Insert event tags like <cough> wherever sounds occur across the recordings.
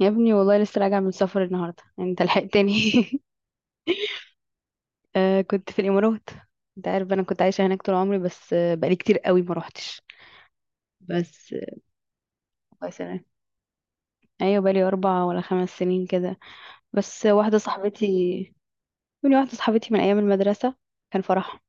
يا ابني والله لسه راجعة من السفر النهاردة، يعني انت لحقتني. <laughs> كنت في الإمارات. انت عارف انا كنت عايشة هناك طول عمري، بس بقالي كتير قوي ما روحتش. بس بقى سنة. ايوه، بقالي 4 ولا 5 سنين كده. بس واحدة صاحبتي، من واحدة صاحبتي من ايام المدرسة، كان فرحها.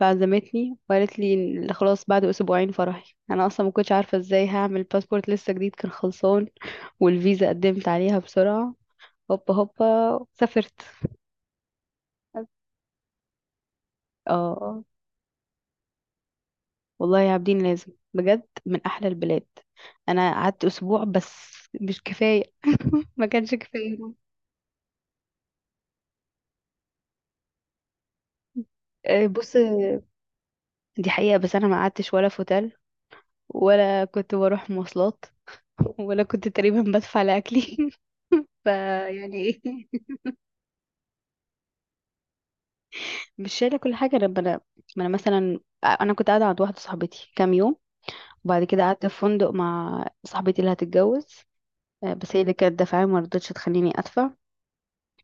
فعزمتني وقالت لي إن خلاص بعد اسبوعين فرحي. انا اصلا ما كنتش عارفة ازاي هعمل باسبورت، لسه جديد كان خلصان، والفيزا قدمت عليها بسرعة. هوبا هوبا سافرت. اه آه. والله يا عابدين لازم بجد من احلى البلاد. انا قعدت اسبوع بس، مش كفايه. <laughs> ما كانش كفايه. آه، بص، دي حقيقه، بس انا ما قعدتش ولا في اوتيل، ولا كنت بروح مواصلات، <laughs> ولا كنت تقريبا بدفع لاكلي. <laughs> فيعني ايه. مش شايله كل حاجه. لما انا، ما انا مثلا انا كنت قاعده عند واحده صاحبتي كام يوم، وبعد كده قعدت في فندق مع صاحبتي اللي هتتجوز. آه، بس هي اللي كانت دافعه، ما رضتش تخليني ادفع.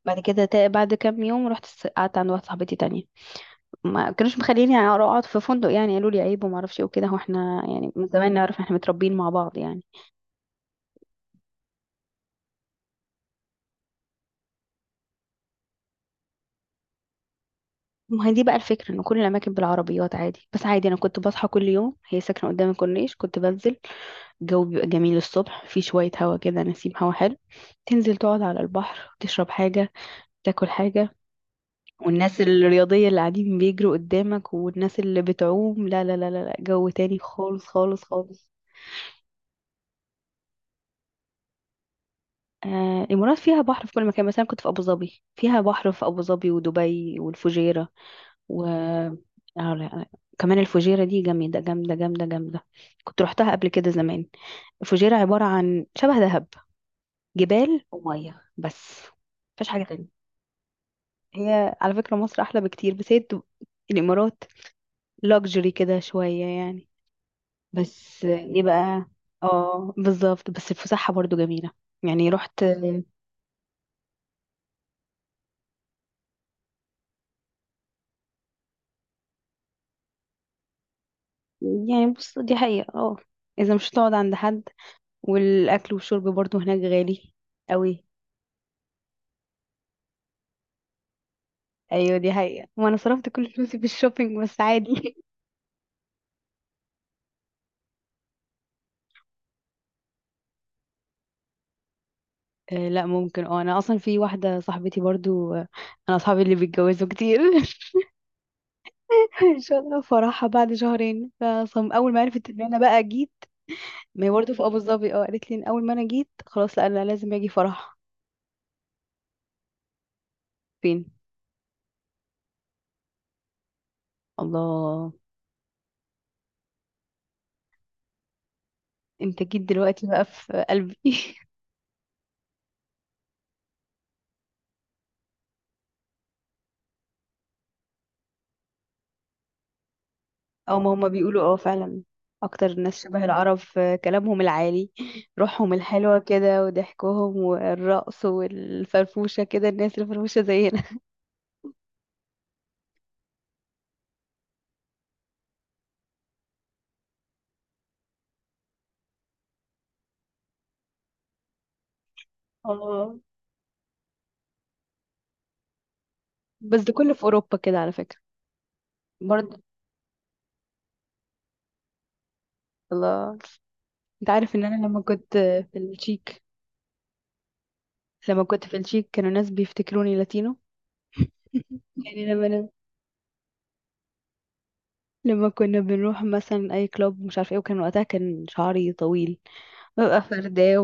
بعد كده بعد كام يوم رحت قعدت عند واحده صاحبتي تانية. ما كانوش مخليني يعني اقعد في فندق، يعني قالوا لي عيب وما اعرفش ايه وكده. هو احنا يعني من زمان نعرف، احنا متربيين مع بعض يعني. ما هي دي بقى الفكره، ان كل الاماكن بالعربيات، عادي بس عادي. انا كنت بصحى كل يوم، هي ساكنه قدام الكورنيش، كنت بنزل. الجو بيبقى جميل الصبح، في شويه هوا كده، نسيم هوا حلو. تنزل تقعد على البحر، تشرب حاجه، تاكل حاجه. والناس الرياضيه اللي قاعدين بيجروا قدامك، والناس اللي بتعوم، لا لا لا لا لا، جو تاني خالص خالص خالص. آه، الإمارات فيها بحر في كل مكان. مثلا كنت في أبو ظبي، فيها بحر في أبو ظبي ودبي والفجيرة و آه، لا، كمان الفجيرة دي جامدة جامدة جامدة جامدة. كنت روحتها قبل كده زمان. الفجيرة عبارة عن شبه دهب، جبال ومية بس، مفيش حاجة تانية. هي على فكرة مصر أحلى بكتير، بس هي الإمارات لاكجري كده شوية يعني. بس إيه بقى. اه بالظبط، بس الفسحة برضو جميلة. يعني رحت. يعني بص، دي حقيقة اه. اذا مش هتقعد عند حد، والاكل والشرب برضو هناك غالي قوي. ايوه دي حقيقة، وانا صرفت كل فلوسي في الشوبينج، بس عادي. <laughs> آه لا، ممكن اه. انا اصلا في واحدة صاحبتي برضو، انا اصحابي اللي بيتجوزوا كتير. <laughs> ان شاء الله فرحها بعد شهرين، فصم اول ما عرفت ان انا بقى جيت. ما هي برضه في ابو ظبي. اه، قالت لي ان اول ما انا جيت خلاص، لا انا لازم اجي فرح. فين؟ الله. انت جيت دلوقتي بقى في قلبي. <laughs> او ما هما بيقولوا، اه فعلا. اكتر الناس شبه العرب في كلامهم العالي، <laughs> روحهم الحلوة كده وضحكهم والرقص والفرفوشة كده. الناس الفرفوشة زينا. <laughs> اه، بس ده كله في اوروبا كده على فكرة. برضه الله. انت عارف ان انا لما كنت في التشيك، لما كنت في التشيك كانوا ناس بيفتكروني لاتينو. يعني لما كنا بنروح مثلا اي كلوب مش عارف ايه، وكان وقتها كان شعري طويل، ببقى فرداه.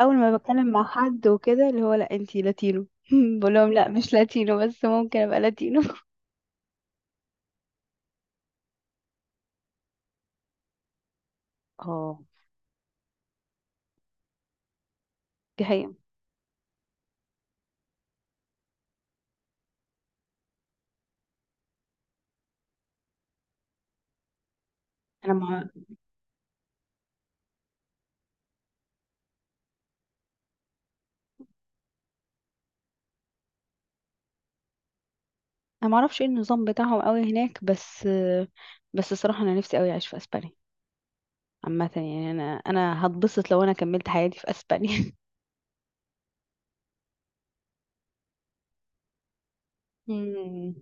اول ما بتكلم مع حد وكده، اللي هو لا انتي لاتينو. <laughs> بقول لهم لا، مش لاتينو، بس ممكن ابقى لاتينو. <laughs> اه دي حقيقة. انا ما انا ما اعرفش ايه النظام بتاعهم قوي هناك، بس بس الصراحة انا نفسي قوي اعيش في اسبانيا. عامة يعني انا انا هتبسط لو انا كملت حياتي في اسبانيا. <laughs> مم.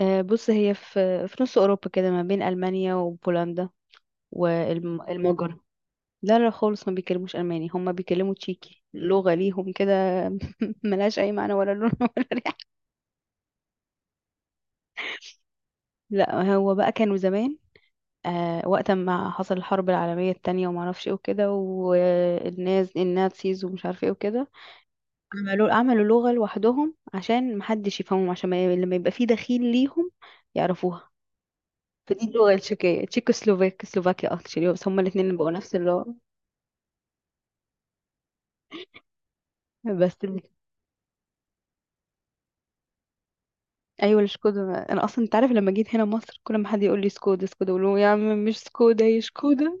آه، بص، هي في نص اوروبا كده ما بين المانيا وبولندا والمجر. لا لا خالص، ما بيكلموش الماني، هم بيكلموا تشيكي، لغة ليهم كده. <laughs> ملهاش اي معنى ولا لون. <laughs> ولا. لا هو بقى كانوا زمان، وقت ما حصل الحرب العالمية التانية وما اعرفش ايه وكده، والناس النازيز ومش عارف ايه وكده، عملوا لغة لوحدهم عشان محدش يفهمهم، عشان ما ي- لما يبقى في دخيل ليهم يعرفوها. فدي اللغة التشيكية، تشيكوسلوفاك سلوفاكيا اكشلي، بس هما الاتنين بقوا نفس اللغة. بس ال- ايوه الشكودا. انا اصلا انت عارف لما جيت هنا مصر، كل ما حد يقول لي سكودا سكودا، اقول له يا عم مش سكودا، هي شكودا.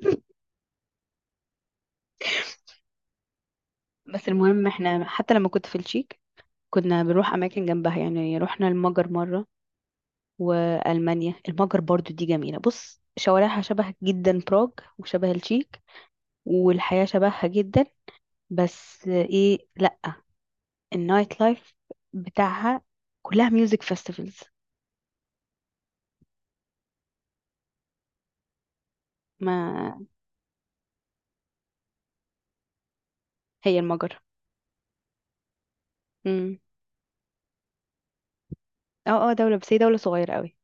بس المهم احنا حتى لما كنت في التشيك، كنا بنروح اماكن جنبها، يعني رحنا المجر مره والمانيا. المجر برضو دي جميله، بص شوارعها شبه جدا براغ وشبه التشيك، والحياه شبهها جدا. بس ايه، لا، النايت لايف بتاعها كلها ميوزك فيستيفالز. ما هي المجر. امم. اه اه دوله، بس هي دوله صغيره قوي،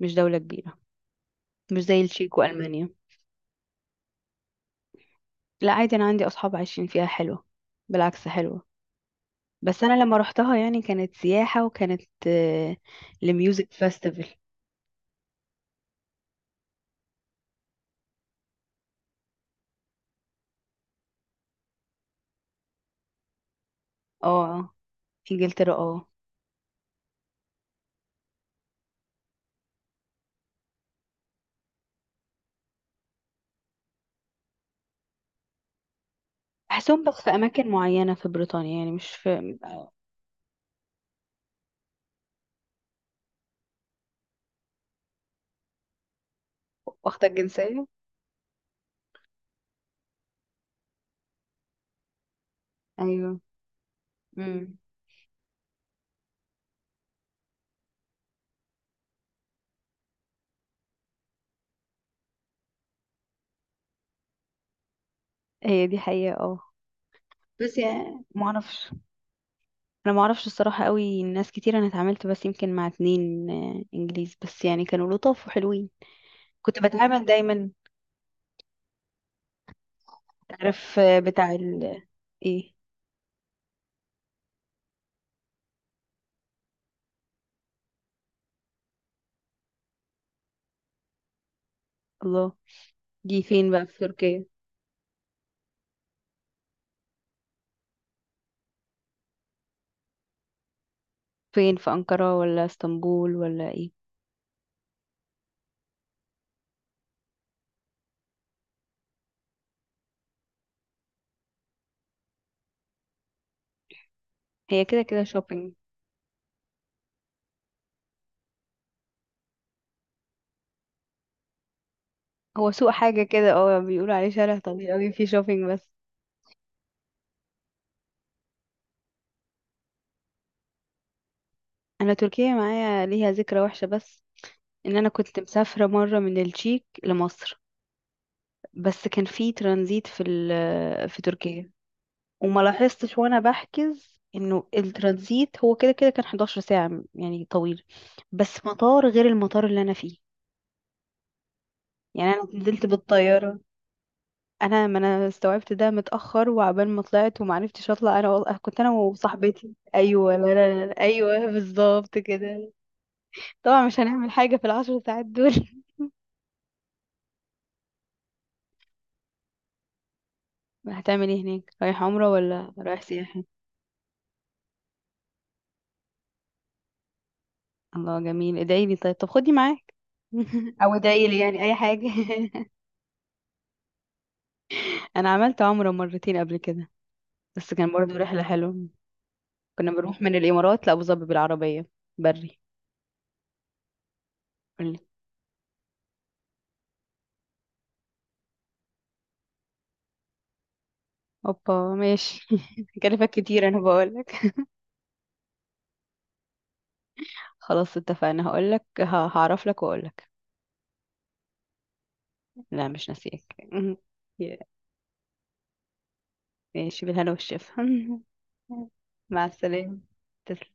مش دوله كبيره، مش زي التشيك والمانيا. لا عادي، انا عندي اصحاب عايشين فيها حلوه، بالعكس حلوه. بس انا لما روحتها يعني كانت سياحة، وكانت آه، لميوزك فيستيفال. اه، آه، انجلترا اه. بحسهم بس في اماكن معينة في بريطانيا، يعني مش في. واخدة الجنسية. ايوه. امم. هي دي حقيقة اه. بس يعني ما اعرفش. انا ما اعرفش الصراحة قوي. ناس كتير انا اتعاملت، بس يمكن مع اتنين انجليز، بس يعني كانوا لطاف وحلوين. كنت بتعامل دايما. تعرف بتاع ال ايه. الله. دي فين بقى في تركيا؟ فين؟ في أنقرة ولا اسطنبول ولا ايه؟ هي كده كده شوبينج. هو سوق حاجة كده اه، بيقولوا عليه شارع طويل قوي فيه شوبينج بس. انا تركيا معايا ليها ذكرى وحشة بس، ان انا كنت مسافرة مرة من التشيك لمصر، بس كان في ترانزيت في في تركيا. وما لاحظتش وانا بحجز انه الترانزيت هو كده كده كان 11 ساعة يعني طويل، بس مطار غير المطار اللي انا فيه. يعني انا نزلت بالطيارة. انا ما انا استوعبت ده متاخر، وعبال ما طلعت وما عرفتش اطلع. انا والله كنت انا وصاحبتي، ايوه لا لا لا، ايوه بالظبط كده. طبعا مش هنعمل حاجه في ال 10 ساعات دول. <laughs> هتعمل ايه هناك؟ رايح عمره ولا رايح سياحه؟ الله جميل. ادعي لي طيب، طب خدني معاك. <laughs> او ادعي لي يعني اي حاجه. <laughs> انا عملت عمره مرتين قبل كده، بس كان برضه رحله حلوه. كنا بنروح من الامارات لابو ظبي بالعربيه، بري. قولي. اوبا ماشي. <laughs> هكلفك كتير انا بقولك. خلاص اتفقنا، هقولك، هعرف لك واقولك. لا مش ناسيك. <laughs> ماشي، بالهنا والشفا. <laughs> مع السلامة. تسلم.